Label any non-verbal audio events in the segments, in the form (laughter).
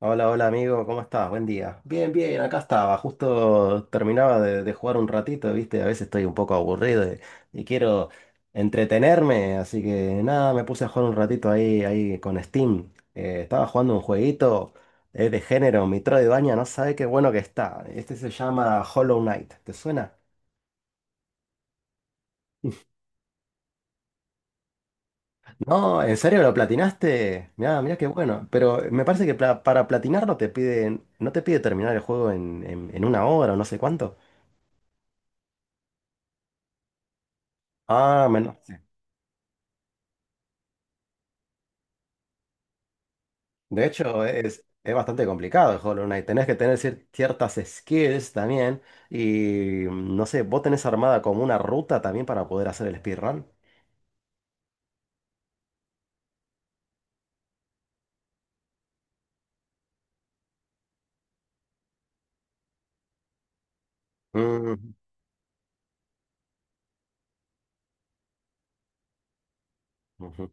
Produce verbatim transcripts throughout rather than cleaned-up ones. Hola, hola amigo, ¿cómo estás? Buen día. Bien, bien, acá estaba, justo terminaba de, de jugar un ratito, ¿viste? A veces estoy un poco aburrido y, y quiero entretenerme, así que nada, me puse a jugar un ratito ahí, ahí con Steam. Eh, estaba jugando un jueguito, es de género, mi trova de baña, no sabe qué bueno que está. Este se llama Hollow Knight, ¿te suena? No, ¿en serio lo platinaste? Mirá, mirá qué bueno. Pero me parece que pla- para platinarlo te piden, no te pide terminar el juego en, en en una hora o no sé cuánto. Ah, menos. Sí. De hecho, es, es bastante complicado el Hollow Knight. Tenés que tener cier- ciertas skills también. Y mm, no sé, ¿vos tenés armada como una ruta también para poder hacer el speedrun? Mm, ujú.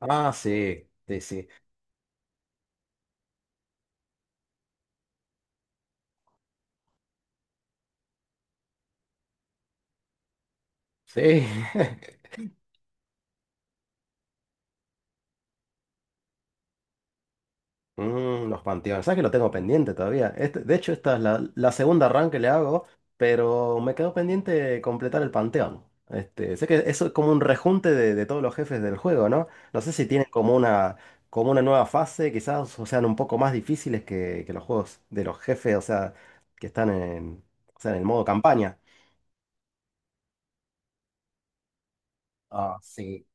Ah, sí, sí, sí. Sí. (laughs) Mm, los panteones. ¿Sabes que lo tengo pendiente todavía? Este- de hecho, esta es la, la segunda run que le hago, pero me quedó pendiente completar el panteón. Este, sé que eso es como un rejunte de, de todos los jefes del juego, ¿no? No sé si tienen como una, como una nueva fase, quizás, o sean un poco más difíciles que, que los juegos de los jefes, o sea, que están en, o sea, en el modo campaña. Ah, sí.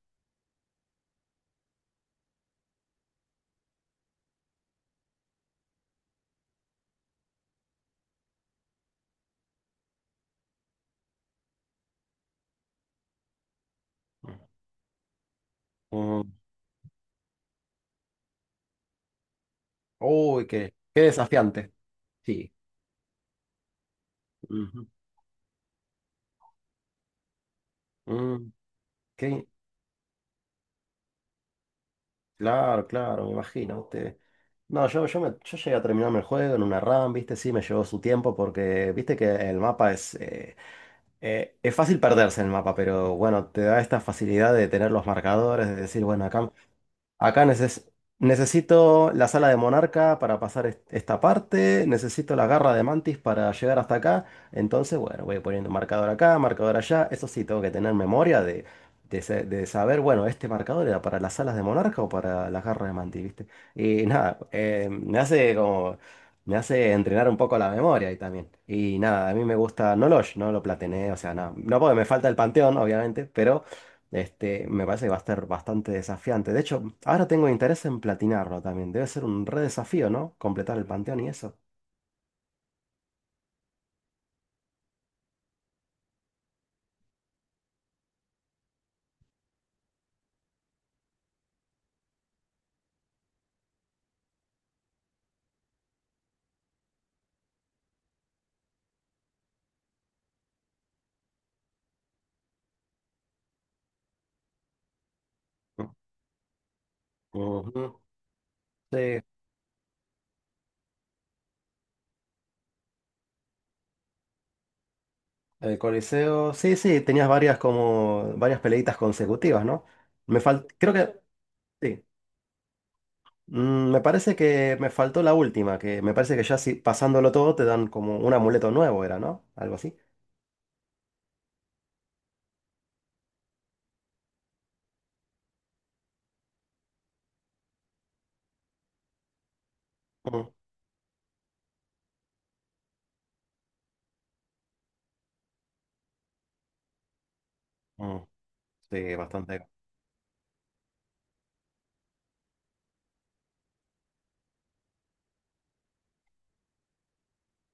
Mm. Uy, qué, qué desafiante. Sí. Ujú. Mm, qué, Claro, claro, me imagino. Usted. No, yo, yo, me- yo llegué a terminarme el juego en una RAM, viste, sí, me llevó su tiempo porque viste que el mapa es... eh, eh, es fácil perderse en el mapa, pero bueno, te da esta facilidad de tener los marcadores, de decir, bueno, acá Acá neces- necesito la sala de Monarca para pasar est- esta parte, necesito la garra de Mantis para llegar hasta acá. Entonces, bueno, voy poniendo marcador acá, marcador allá. Eso sí, tengo que tener memoria de, de, sa- de saber, bueno, este marcador era para las salas de Monarca o para las garras de Mantis, ¿viste? Y nada, eh, me hace como. Me hace entrenar un poco la memoria ahí también. Y nada, a mí me gusta Nolosh, no lo platiné, o sea, no, no porque me falta el panteón, obviamente, este, me parece que va a ser bastante desafiante. De hecho, ahora tengo interés en platinarlo también. Debe ser un re desafío, ¿no? Completar el panteón y eso. Ujú. Sí, el Coliseo. Sí, sí, tenías varias como varias peleitas consecutivas, ¿no? Me fal... Creo que sí. Mm, me parece que me faltó la última, que me parece que ya si pasándolo todo te dan como un amuleto nuevo, era, ¿no? Algo así. Mm, mm. Sí, bastante.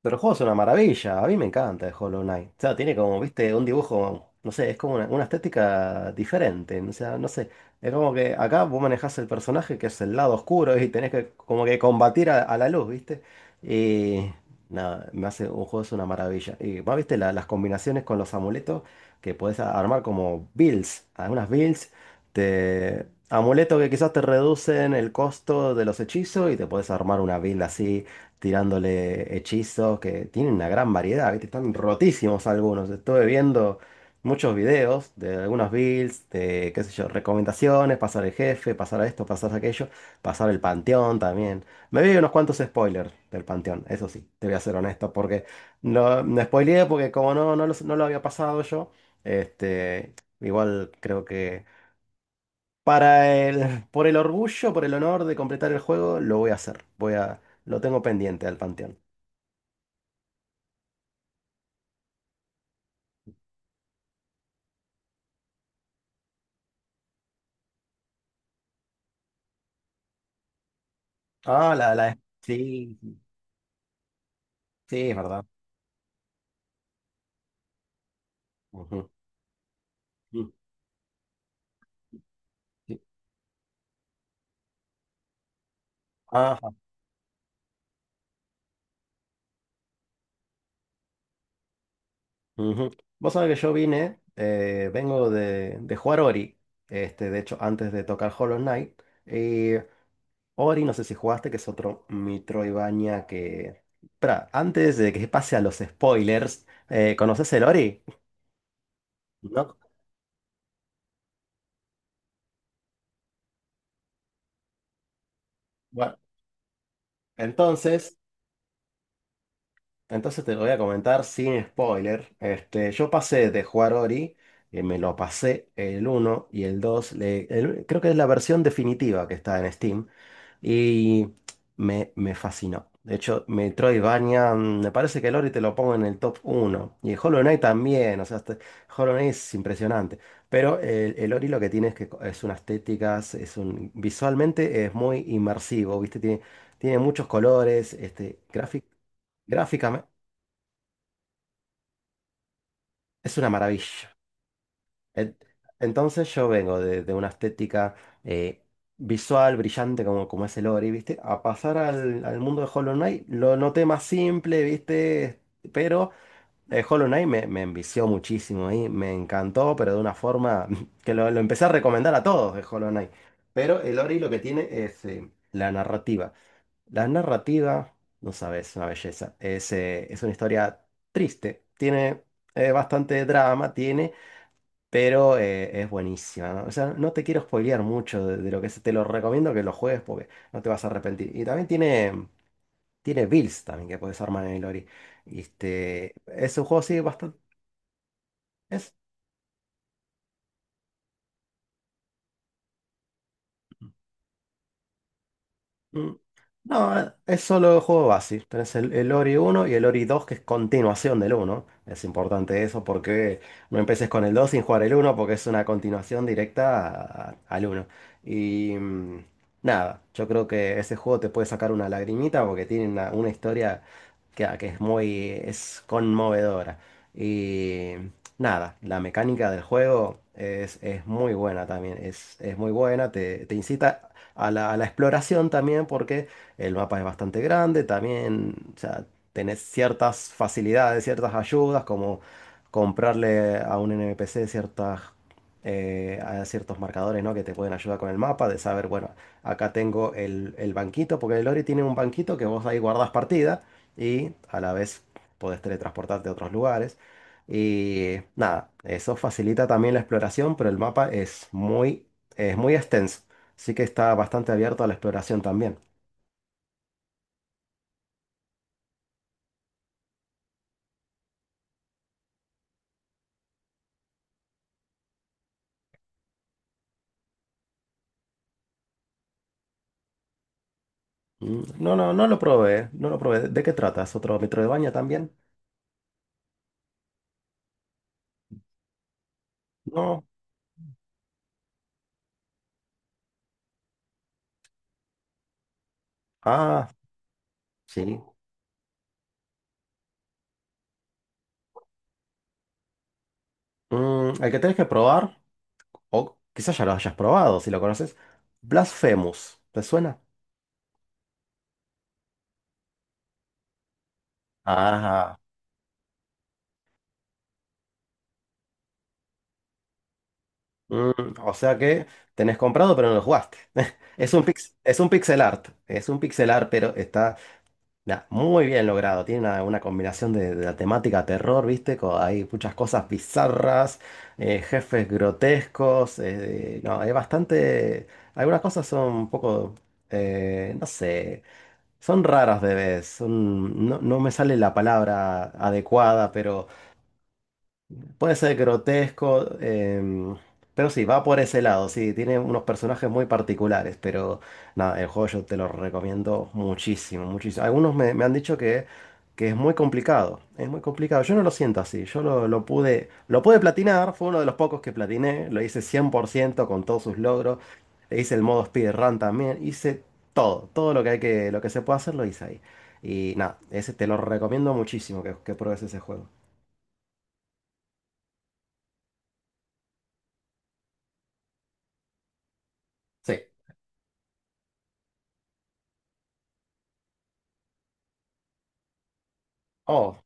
Pero el juego es una maravilla, a mí me encanta el Hollow Knight. O sea, tiene como, viste, un dibujo, no sé, es como una, una estética diferente. O sea, no sé, es como que acá vos manejás el personaje que es el lado oscuro y tenés que como que combatir a, a la luz, viste. Y nada, me hace un juego es una maravilla. Y más, viste, la- las combinaciones con los amuletos que podés a- armar como builds, algunas builds, te... amuletos que quizás te reducen el costo de los hechizos y te podés armar una build así tirándole hechizos, que tienen una gran variedad, ¿viste? Están rotísimos algunos. Estuve viendo muchos videos de algunos builds, de qué sé yo, recomendaciones, pasar el jefe, pasar a esto, pasar a aquello, pasar el panteón también. Me vi unos cuantos spoilers del panteón, eso sí, te voy a ser honesto, porque no, me spoileé porque como no, no lo, no lo había pasado yo, este, igual creo que. Para el, por el orgullo, por el honor de completar el juego, lo voy a hacer. Voy a, lo tengo pendiente al panteón. Ah, la, la, sí, sí, es verdad. Ujú, ujú, sí. Ajá. Ujú. Vos sabés que yo vine, eh, vengo de, de jugar Ori, este, de hecho, antes de tocar Hollow Knight. Y Ori, no sé si jugaste, que es otro Metroidvania que. Espera, antes de que pase a los spoilers, eh, ¿conoces el Ori? No. Bueno, entonces... Entonces te lo voy a comentar sin spoiler. Este, yo pasé de jugar Ori, eh, me lo pasé el uno y el dos. Le- el- creo que es la versión definitiva que está en Steam. Y me, me fascinó. De hecho, Metroidvania, mm, me parece que el Ori te lo pongo en el top uno y el Hollow Knight también. O sea, este- Hollow Knight es impresionante. Pero el, el Ori lo que tiene es que co- es unas estéticas, es un, visualmente es muy inmersivo, ¿viste? Tiene, tiene muchos colores, este, gráfic- gráficamente. Es una maravilla. En- Entonces yo vengo de, de una estética eh, visual, brillante, como, como es el Ori, ¿viste? A pasar al, al mundo de Hollow Knight, lo noté más simple, ¿viste? Pero eh, Hollow Knight me, me envició muchísimo y me encantó, pero de una forma (laughs) que lo, lo empecé a recomendar a todos de Hollow Knight. Pero el Ori lo que tiene es eh, la narrativa. La narrativa, no sabes, es una belleza. Es, eh, es una historia triste, tiene eh, bastante drama, tiene. Pero eh, es buenísima, ¿no? O sea, no te quiero spoilear mucho de, de lo que es. Te lo recomiendo que lo juegues porque no te vas a arrepentir. Y también tiene, tiene builds también que puedes armar en el Ori. Este, es un juego, sí, bastante. Mm. No, eh, es solo el juego base. Tenés el, el Ori uno y el Ori dos, que es continuación del uno. Es importante eso porque no empeces con el dos sin jugar el uno, porque es una continuación directa a- al uno. Y mm, nada, yo creo que ese juego te puede sacar una lagrimita porque tiene una, una historia que, que es muy, es conmovedora. Y nada, la mecánica del juego es, es muy buena también. Es, es muy buena, te, te incita a la, a la exploración también, porque el mapa es bastante grande, también, o sea, tenés ciertas facilidades, ciertas ayudas, como comprarle a un N P C ciertas, eh, a ciertos marcadores, ¿no? que te pueden ayudar con el mapa, de saber, bueno, acá tengo el, el banquito, porque el Ori tiene un banquito que vos ahí guardás partida y a la vez podés teletransportarte a otros lugares. Y nada, eso facilita también la exploración, pero el mapa es muy, es muy extenso. Así que está bastante abierto a la exploración también. Mm, no, no, no lo probé, no lo probé. ¿De qué tratas? ¿Otro Metroidvania también? No. Ah, sí. Mm, el que tenés que probar, o quizás ya lo hayas probado si lo conoces, Blasphemous. ¿Te suena? Ajá. Mm, o sea que tenés comprado pero no lo jugaste. (laughs) Es un pix, es un pixel art. Es un pixel art, pero está nah, muy bien logrado. Tiene una, una combinación de, de la temática terror, ¿viste? Co- hay muchas cosas bizarras, eh, jefes grotescos. Eh, no, hay bastante. Algunas cosas son un poco. Eh, no sé. Son raras de vez. Son- no, no me sale la palabra adecuada, pero puede ser grotesco, em, pero sí, va por ese lado, sí, tiene unos personajes muy particulares, pero nada, el juego yo te lo recomiendo muchísimo, muchísimo. Algunos me, me han dicho que, que es muy complicado, es muy complicado, yo no lo siento así, yo lo, lo pude, lo pude, platinar, fue uno de los pocos que platiné, lo hice cien por ciento con todos sus logros, e hice el modo speedrun también, hice todo, todo lo que hay que, lo que se puede hacer lo hice ahí. Y nada, ese te lo recomiendo muchísimo que, que pruebes ese juego. Sí. Oh,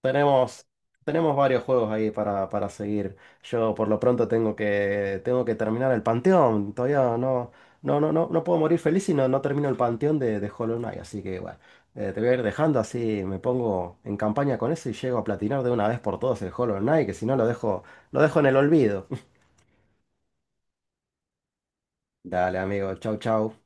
Tenemos, tenemos varios juegos ahí para, para seguir. Yo por lo pronto tengo que, tengo que terminar el Panteón. Todavía no, no, no, no, no puedo morir feliz si no, no termino el Panteón de, de Hollow Knight. Así que bueno, eh, te voy a ir dejando así, me pongo en campaña con eso y llego a platinar de una vez por todas el Hollow Knight, que si no lo dejo, lo dejo en el olvido. (laughs) Dale, amigo, chau, chau.